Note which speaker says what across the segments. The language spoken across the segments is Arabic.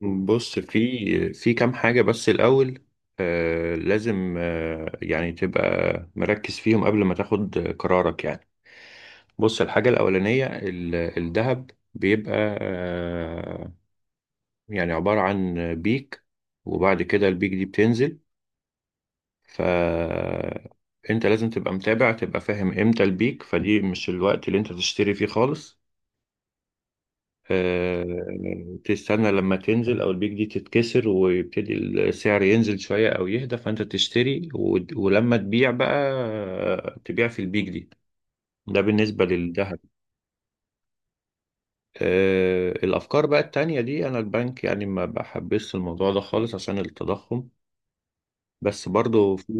Speaker 1: بص، في كام حاجة بس الأول. لازم يعني تبقى مركز فيهم قبل ما تاخد قرارك يعني. بص، الحاجة الأولانية الذهب بيبقى آه يعني عبارة عن بيك، وبعد كده البيك دي بتنزل، فأنت لازم تبقى متابع، تبقى فاهم إمتى البيك، فدي مش الوقت اللي أنت تشتري فيه خالص. تستنى لما تنزل او البيك دي تتكسر ويبتدي السعر ينزل شوية او يهدى، فانت تشتري، ولما تبيع بقى تبيع في البيك دي. ده بالنسبة للذهب. الافكار بقى التانية دي، انا البنك يعني ما بحبش الموضوع ده خالص عشان التضخم. بس برضو في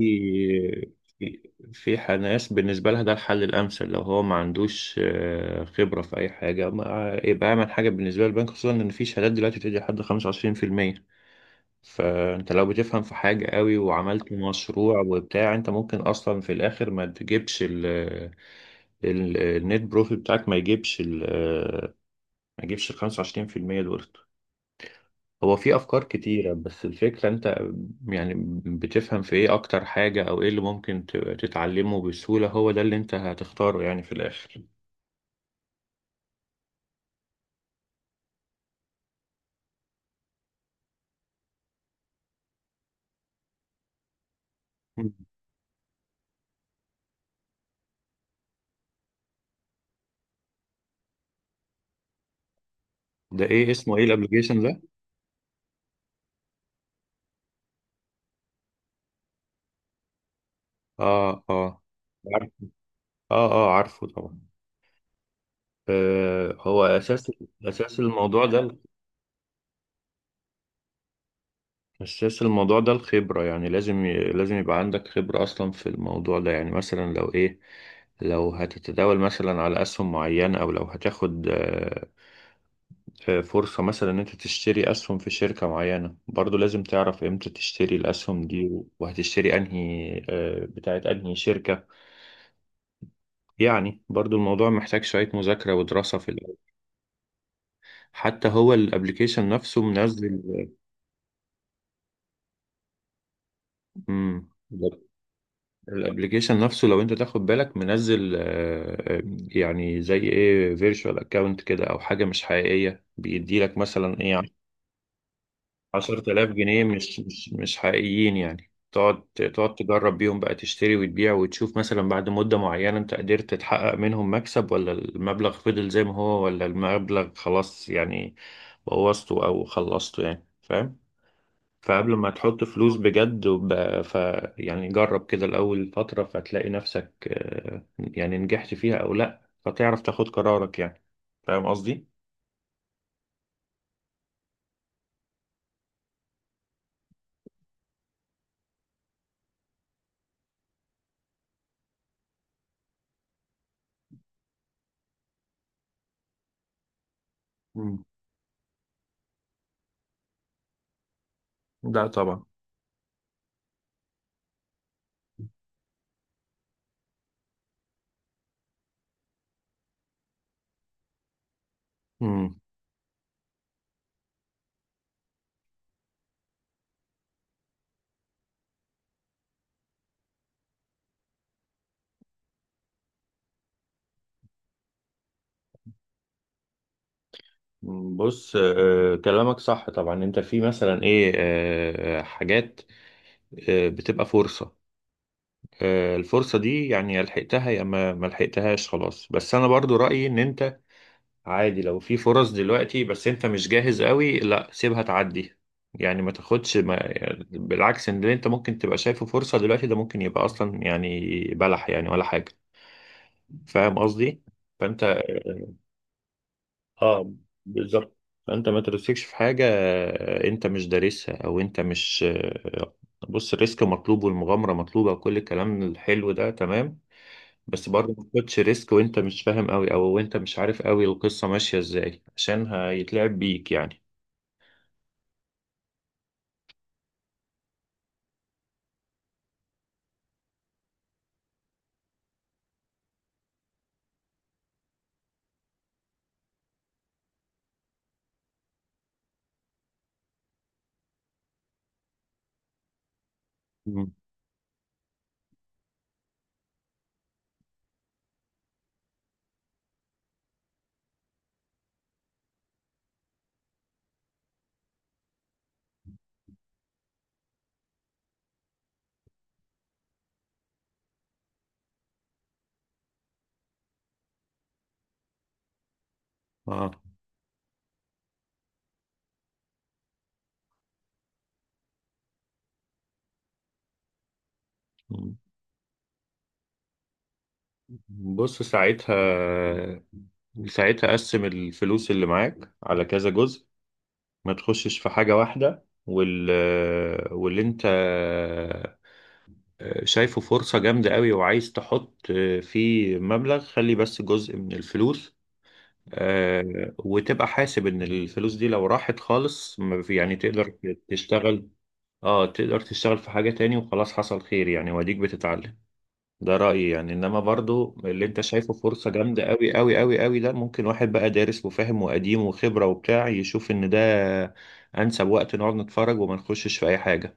Speaker 1: في في ح- ناس بالنسبة لها ده الحل الأمثل، لو هو ما عندوش خبرة في أي حاجة، ما يبقى أعمل حاجة بالنسبة للبنك، خصوصا إن في شهادات دلوقتي بتدي لحد 25%. فانت لو بتفهم في حاجة قوي وعملت مشروع وبتاع، انت ممكن اصلا في الاخر ما تجيبش النت بروفيت بتاعك، ما يجيبش ال 25% دول. هو في افكار كتيرة بس الفكرة انت يعني بتفهم في ايه اكتر حاجة، او ايه اللي ممكن تتعلمه بسهولة، هو ده اللي انت هتختاره يعني في الاخر. مم. ده ايه اسمه، ايه الابليكيشن ده؟ اه اه، عارف. اه اه، عارفه طبعا. هو اساس الموضوع ده اساس الموضوع ده الخبره، يعني لازم لازم يبقى عندك خبره اصلا في الموضوع ده. يعني مثلا، لو هتتداول مثلا على اسهم معينه، او لو هتاخد فرصه مثلا ان انت تشتري اسهم في شركه معينه، برضو لازم تعرف امتى تشتري الاسهم دي، وهتشتري انهي بتاعت انهي شركه. يعني برضو الموضوع محتاج شويه مذاكره ودراسه في الاول، حتى هو الابليكيشن نفسه منزل. مم. الابليكيشن نفسه لو انت تاخد بالك منزل يعني زي ايه، فيرتشوال اكاونت كده، او حاجه مش حقيقيه بيدي لك مثلا ايه، 10,000 جنيه مش حقيقيين، يعني تقعد تجرب بيهم بقى، تشتري وتبيع، وتشوف مثلا بعد مده معينه انت قدرت تحقق منهم مكسب، ولا المبلغ فضل زي ما هو، ولا المبلغ خلاص يعني بوظته او خلصته، يعني فاهم. فقبل ما تحط فلوس بجد ف يعني جرب كده الأول فترة، فتلاقي نفسك يعني نجحت فيها أو لأ، فتعرف تاخد قرارك يعني. فاهم قصدي؟ مم. لا طبعا. مم. بص، كلامك صح طبعا. انت في مثلا ايه حاجات بتبقى فرصة، الفرصة دي يعني يا لحقتها يا ما لحقتهاش خلاص. بس انا برضو رأيي ان انت عادي لو في فرص دلوقتي بس انت مش جاهز قوي، لا سيبها تعدي، يعني ما تاخدش. ما يعني بالعكس، ان اللي انت ممكن تبقى شايفه فرصة دلوقتي ده ممكن يبقى اصلا يعني بلح يعني ولا حاجة. فاهم قصدي؟ فانت اه، بالظبط. فانت ما ترسكش في حاجة انت مش دارسها او انت مش بص، الريسك مطلوب والمغامرة مطلوبة وكل الكلام الحلو ده تمام، بس برضه ما تاخدش ريسك وانت مش فاهم قوي، او وانت مش عارف قوي القصة ماشية ازاي، عشان هيتلعب بيك يعني. مم. اه. مم. بص ساعتها، قسم الفلوس اللي معاك على كذا جزء، ما تخشش في حاجة واحدة. واللي انت شايفه فرصة جامدة قوي وعايز تحط فيه مبلغ، خلي بس جزء من الفلوس، وتبقى حاسب ان الفلوس دي لو راحت خالص ما في- يعني تشتغل اه تقدر تشتغل في حاجة تاني وخلاص حصل خير، يعني واديك بتتعلم. ده رأيي يعني، انما برضو اللي انت شايفه فرصة جامدة قوي قوي قوي قوي ده ممكن واحد بقى دارس وفاهم وقديم وخبرة وبتاع يشوف ان ده انسب وقت نقعد نتفرج وما نخشش في اي حاجة.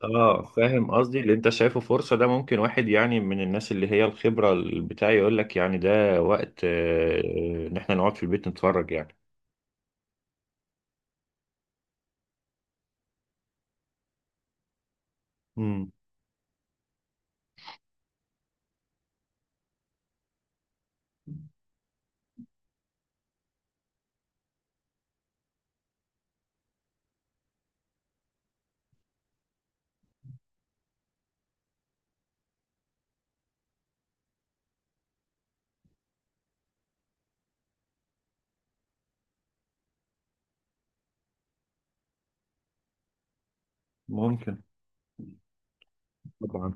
Speaker 1: اه فاهم قصدي، اللي انت شايفه فرصة ده ممكن واحد يعني من الناس اللي هي الخبرة بتاعي يقول لك يعني ده وقت ان احنا نقعد في البيت نتفرج يعني. مم. ممكن. طبعا.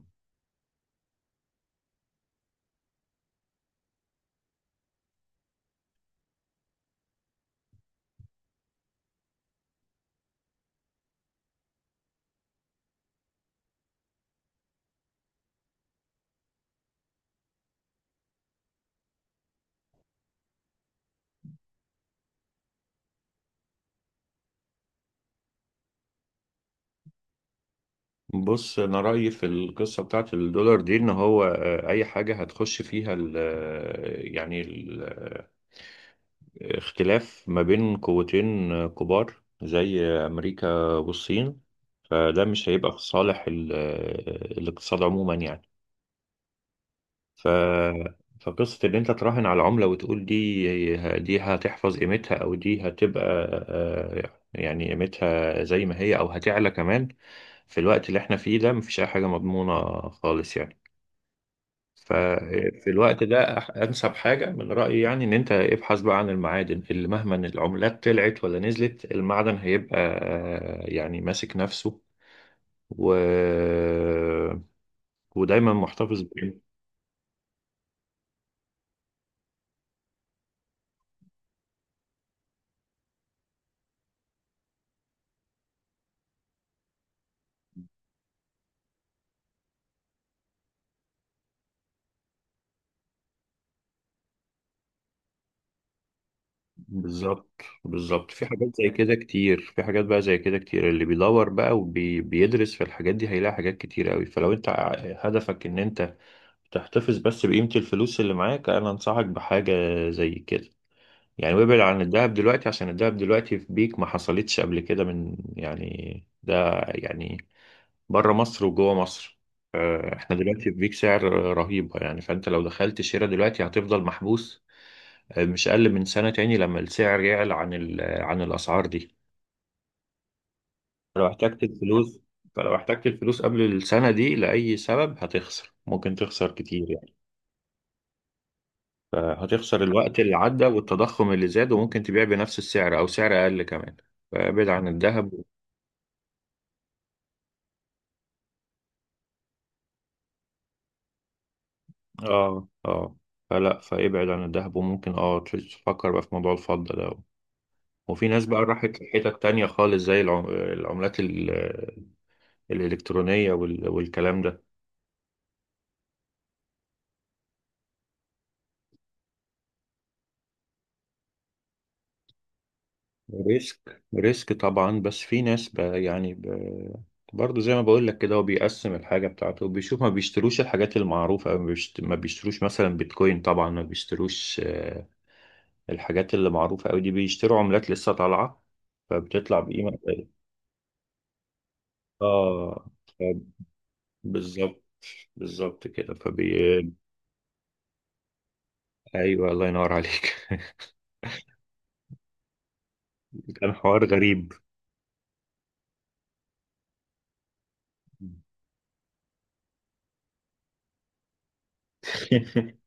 Speaker 1: بص، انا رايي في القصه بتاعت الدولار دي ان هو اي حاجه هتخش فيها ال آه، يعني الاختلاف ما بين قوتين كبار زي امريكا والصين، فده مش هيبقى في صالح الاقتصاد عموما يعني. ف... فقصة إن أنت تراهن على عملة وتقول دي هتحفظ قيمتها، أو دي هتبقى يعني قيمتها زي ما هي أو هتعلى كمان، في الوقت اللي إحنا فيه ده مفيش أي حاجة مضمونة خالص يعني. ففي الوقت ده أنسب حاجة من رأيي يعني إن أنت ابحث بقى عن المعادن، اللي مهما إن العملات طلعت ولا نزلت المعدن هيبقى يعني ماسك نفسه و... ودايما محتفظ بقيمته. بالظبط بالظبط، في حاجات زي كده كتير، في حاجات بقى زي كده كتير، اللي بيدور بقى وبيدرس في الحاجات دي هيلاقي حاجات كتير قوي. فلو انت هدفك ان انت تحتفظ بس بقيمة الفلوس اللي معاك، انا انصحك بحاجة زي كده يعني. وابعد عن الذهب دلوقتي عشان الذهب دلوقتي في بيك ما حصلتش قبل كده من يعني ده يعني بره مصر وجوه مصر. احنا دلوقتي في بيك سعر رهيبة يعني، فانت لو دخلت شراء دلوقتي هتفضل محبوس مش أقل من سنة تاني لما السعر يعلى عن عن الأسعار دي. فلو احتجت الفلوس، فلو احتجت الفلوس قبل السنة دي لأي سبب، هتخسر، ممكن تخسر كتير يعني. فهتخسر الوقت اللي عدى والتضخم اللي زاد، وممكن تبيع بنفس السعر أو سعر أقل كمان. فابعد عن الذهب. اه اه. فابعد عن الذهب، وممكن تفكر بقى في موضوع الفضة ده. وفي ناس بقى راحت لحتت تانية خالص زي العملات الإلكترونية والكلام ده. ريسك ريسك طبعا، بس في ناس يعني برضه زي ما بقول لك كده، هو بيقسم الحاجة بتاعته وبيشوف، ما بيشتروش الحاجات المعروفة، أو ما بيشتروش مثلا بيتكوين طبعا، ما بيشتروش الحاجات اللي معروفة أوي دي، بيشتروا عملات لسه طالعة فبتطلع بقيمة قليلة. اه ف- بالظبط، بالظبط كده أيوه الله ينور عليك. كان حوار غريب.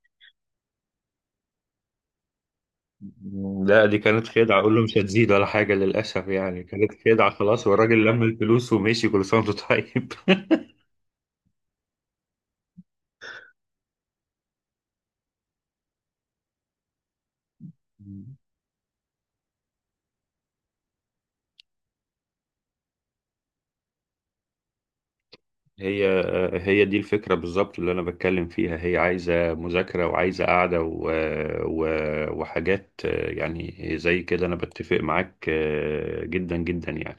Speaker 1: لا، دي كانت خدعة، أقول له مش هتزيد ولا حاجة للأسف، يعني كانت خدعة خلاص، والراجل لم الفلوس ومشي، كل سنة وأنت طيب. هي هي دي الفكرة بالظبط اللي أنا بتكلم فيها، هي عايزة مذاكرة وعايزة قعدة و... وحاجات يعني زي كده. أنا بتفق معاك جدا جدا يعني.